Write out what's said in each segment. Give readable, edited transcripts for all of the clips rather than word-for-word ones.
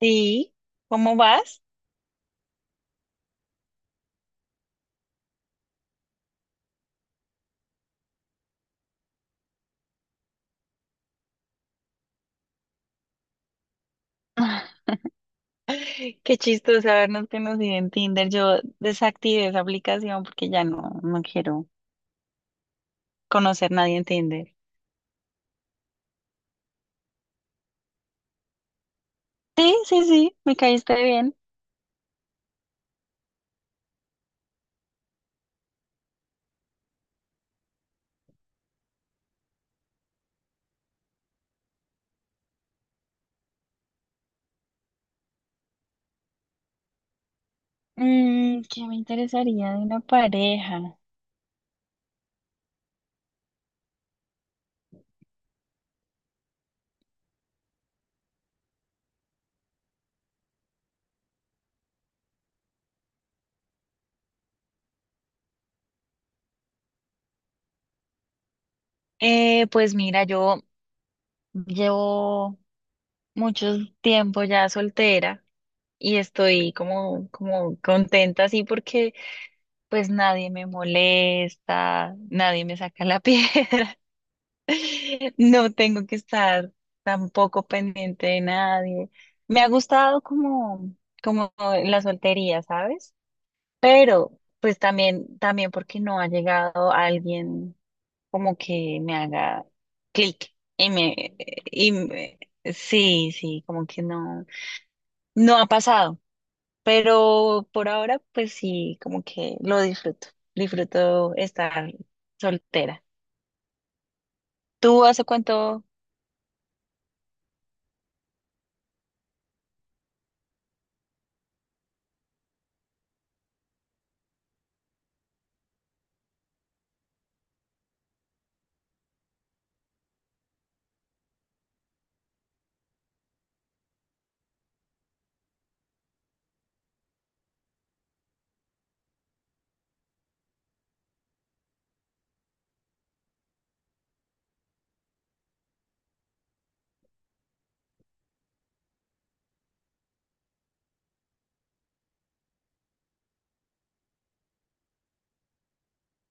Sí, ¿cómo vas? Ah, qué chistoso habernos conocido en Tinder. Yo desactivé esa aplicación porque ya no, no quiero conocer nadie en Tinder. Sí, sí, sí, me caíste bien. ¿Qué me interesaría de una pareja? Pues mira, yo llevo mucho tiempo ya soltera y estoy como contenta así porque pues nadie me molesta, nadie me saca la piedra. No tengo que estar tampoco pendiente de nadie. Me ha gustado como, como la soltería, ¿sabes? Pero pues también porque no ha llegado alguien como que me haga clic y me- sí, sí, como que no, no ha pasado. Pero por ahora, pues sí, como que lo disfruto. Disfruto estar soltera. ¿Tú hace cuánto?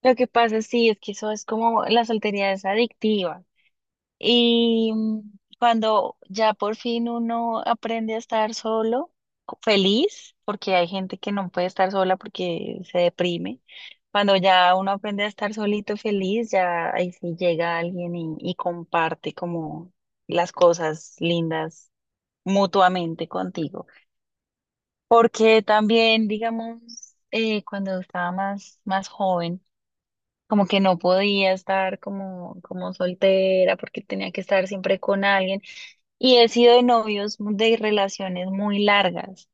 Lo que pasa, sí, es que eso es como la soltería es adictiva. Y cuando ya por fin uno aprende a estar solo, feliz, porque hay gente que no puede estar sola porque se deprime. Cuando ya uno aprende a estar solito feliz, ya ahí sí llega alguien y comparte como las cosas lindas mutuamente contigo. Porque también, digamos, cuando estaba más joven, como que no podía estar como, como soltera porque tenía que estar siempre con alguien y he sido de novios de relaciones muy largas.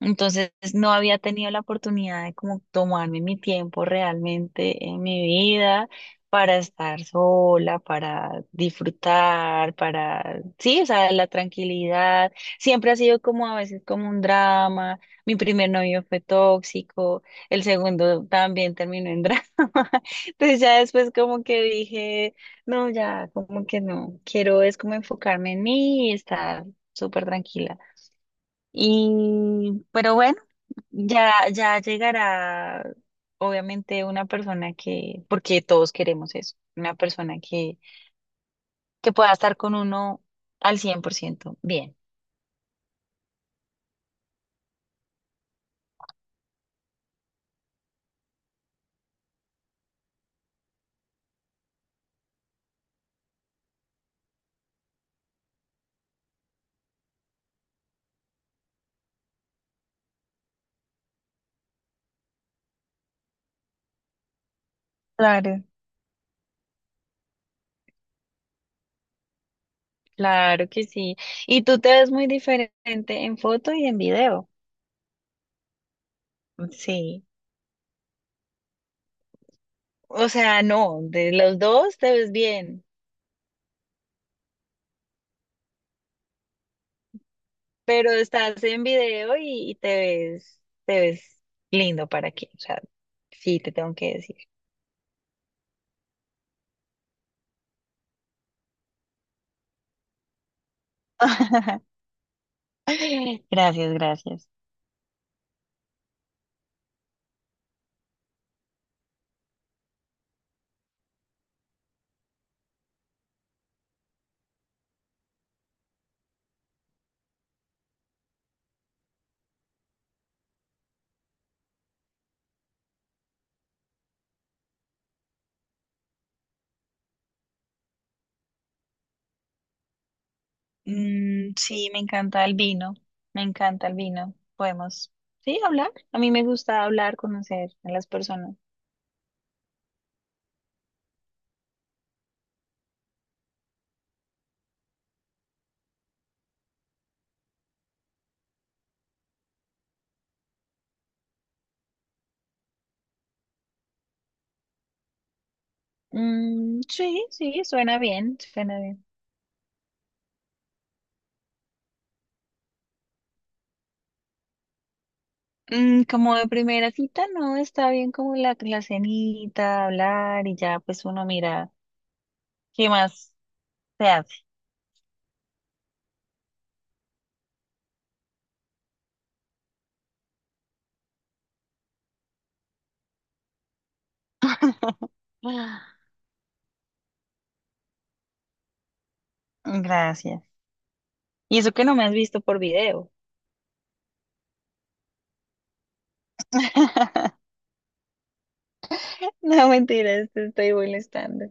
Entonces no había tenido la oportunidad de como tomarme mi tiempo realmente en mi vida para estar sola, para disfrutar, para, sí, o sea, la tranquilidad. Siempre ha sido como a veces como un drama. Mi primer novio fue tóxico, el segundo también terminó en drama. Entonces ya después como que dije, no, ya, como que no, quiero es como enfocarme en mí y estar súper tranquila. Y, pero bueno. Ya, ya llegará, obviamente, una persona que, porque todos queremos eso, una persona que pueda estar con uno al 100% bien. Claro, claro que sí. Y tú te ves muy diferente en foto y en video. Sí. O sea, no, de los dos te ves bien, pero estás en video y te ves lindo para qué. O sea, sí, te tengo que decir. Gracias, gracias. Mm, sí, me encanta el vino, me encanta el vino. Podemos, sí, hablar. A mí me gusta hablar, conocer a las personas. Mm, sí, sí, suena bien, suena bien. Como de primera cita, no, está bien como la cenita, hablar y ya, pues uno mira qué más se hace. Ah, gracias. Y eso que no me has visto por video. No, mentiras, te estoy molestando.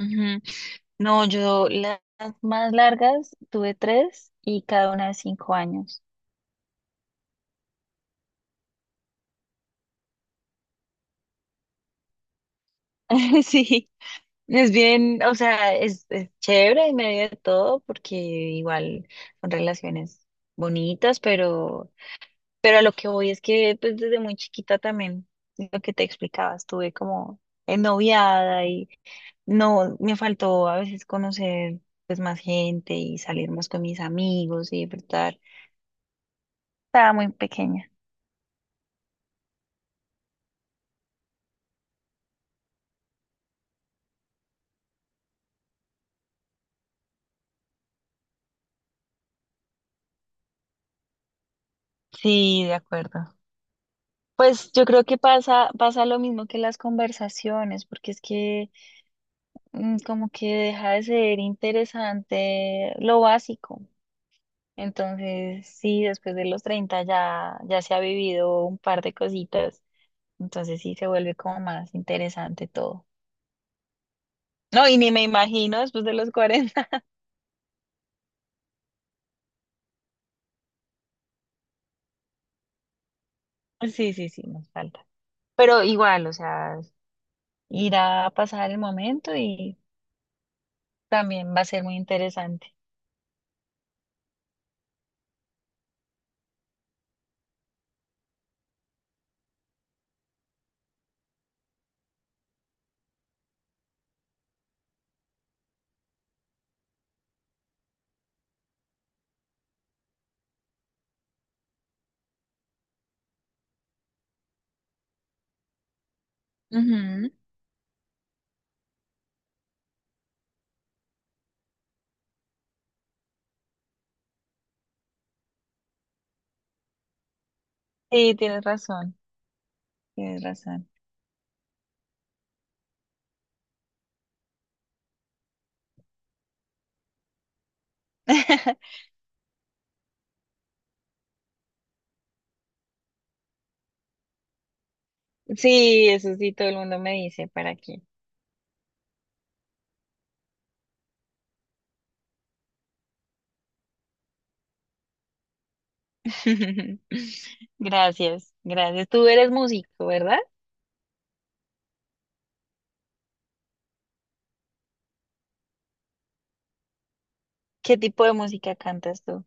Ujú. No, yo las más largas tuve tres y cada una de 5 años. Sí, es bien, o sea, es chévere en medio de todo porque igual son relaciones bonitas, pero a lo que voy es que pues, desde muy chiquita también, lo que te explicaba, estuve como ennoviada y no, me faltó a veces conocer pues más gente y salir más con mis amigos y disfrutar. Estaba muy pequeña. Sí, de acuerdo. Pues yo creo que pasa lo mismo que las conversaciones, porque es que como que deja de ser interesante lo básico. Entonces, sí, después de los 30 ya, ya se ha vivido un par de cositas. Entonces sí se vuelve como más interesante todo. No, y ni me imagino después de los 40. Sí, sí, sí, nos falta. Pero igual, o sea, irá a pasar el momento y también va a ser muy interesante. Sí, tienes razón, tienes razón. Sí, eso sí, todo el mundo me dice, ¿para qué? Gracias, gracias. Tú eres músico, ¿verdad? ¿Qué tipo de música cantas tú?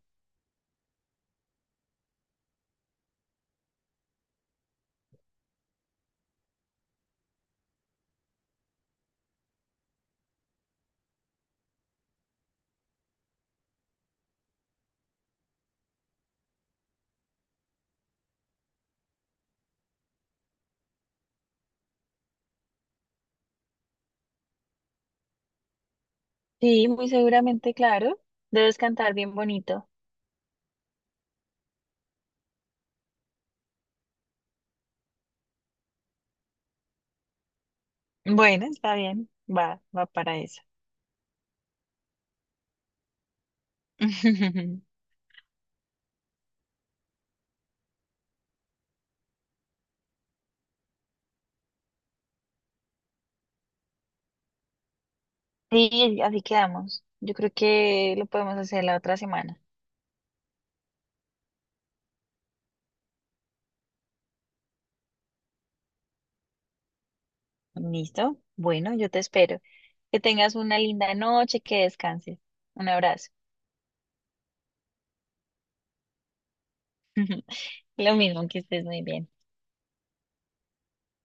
Sí, muy seguramente, claro. Debes cantar bien bonito. Bueno, está bien, va, va para eso. Sí, así quedamos. Yo creo que lo podemos hacer la otra semana. ¿Listo? Bueno, yo te espero. Que tengas una linda noche, que descanses. Un abrazo. Lo mismo que estés muy bien.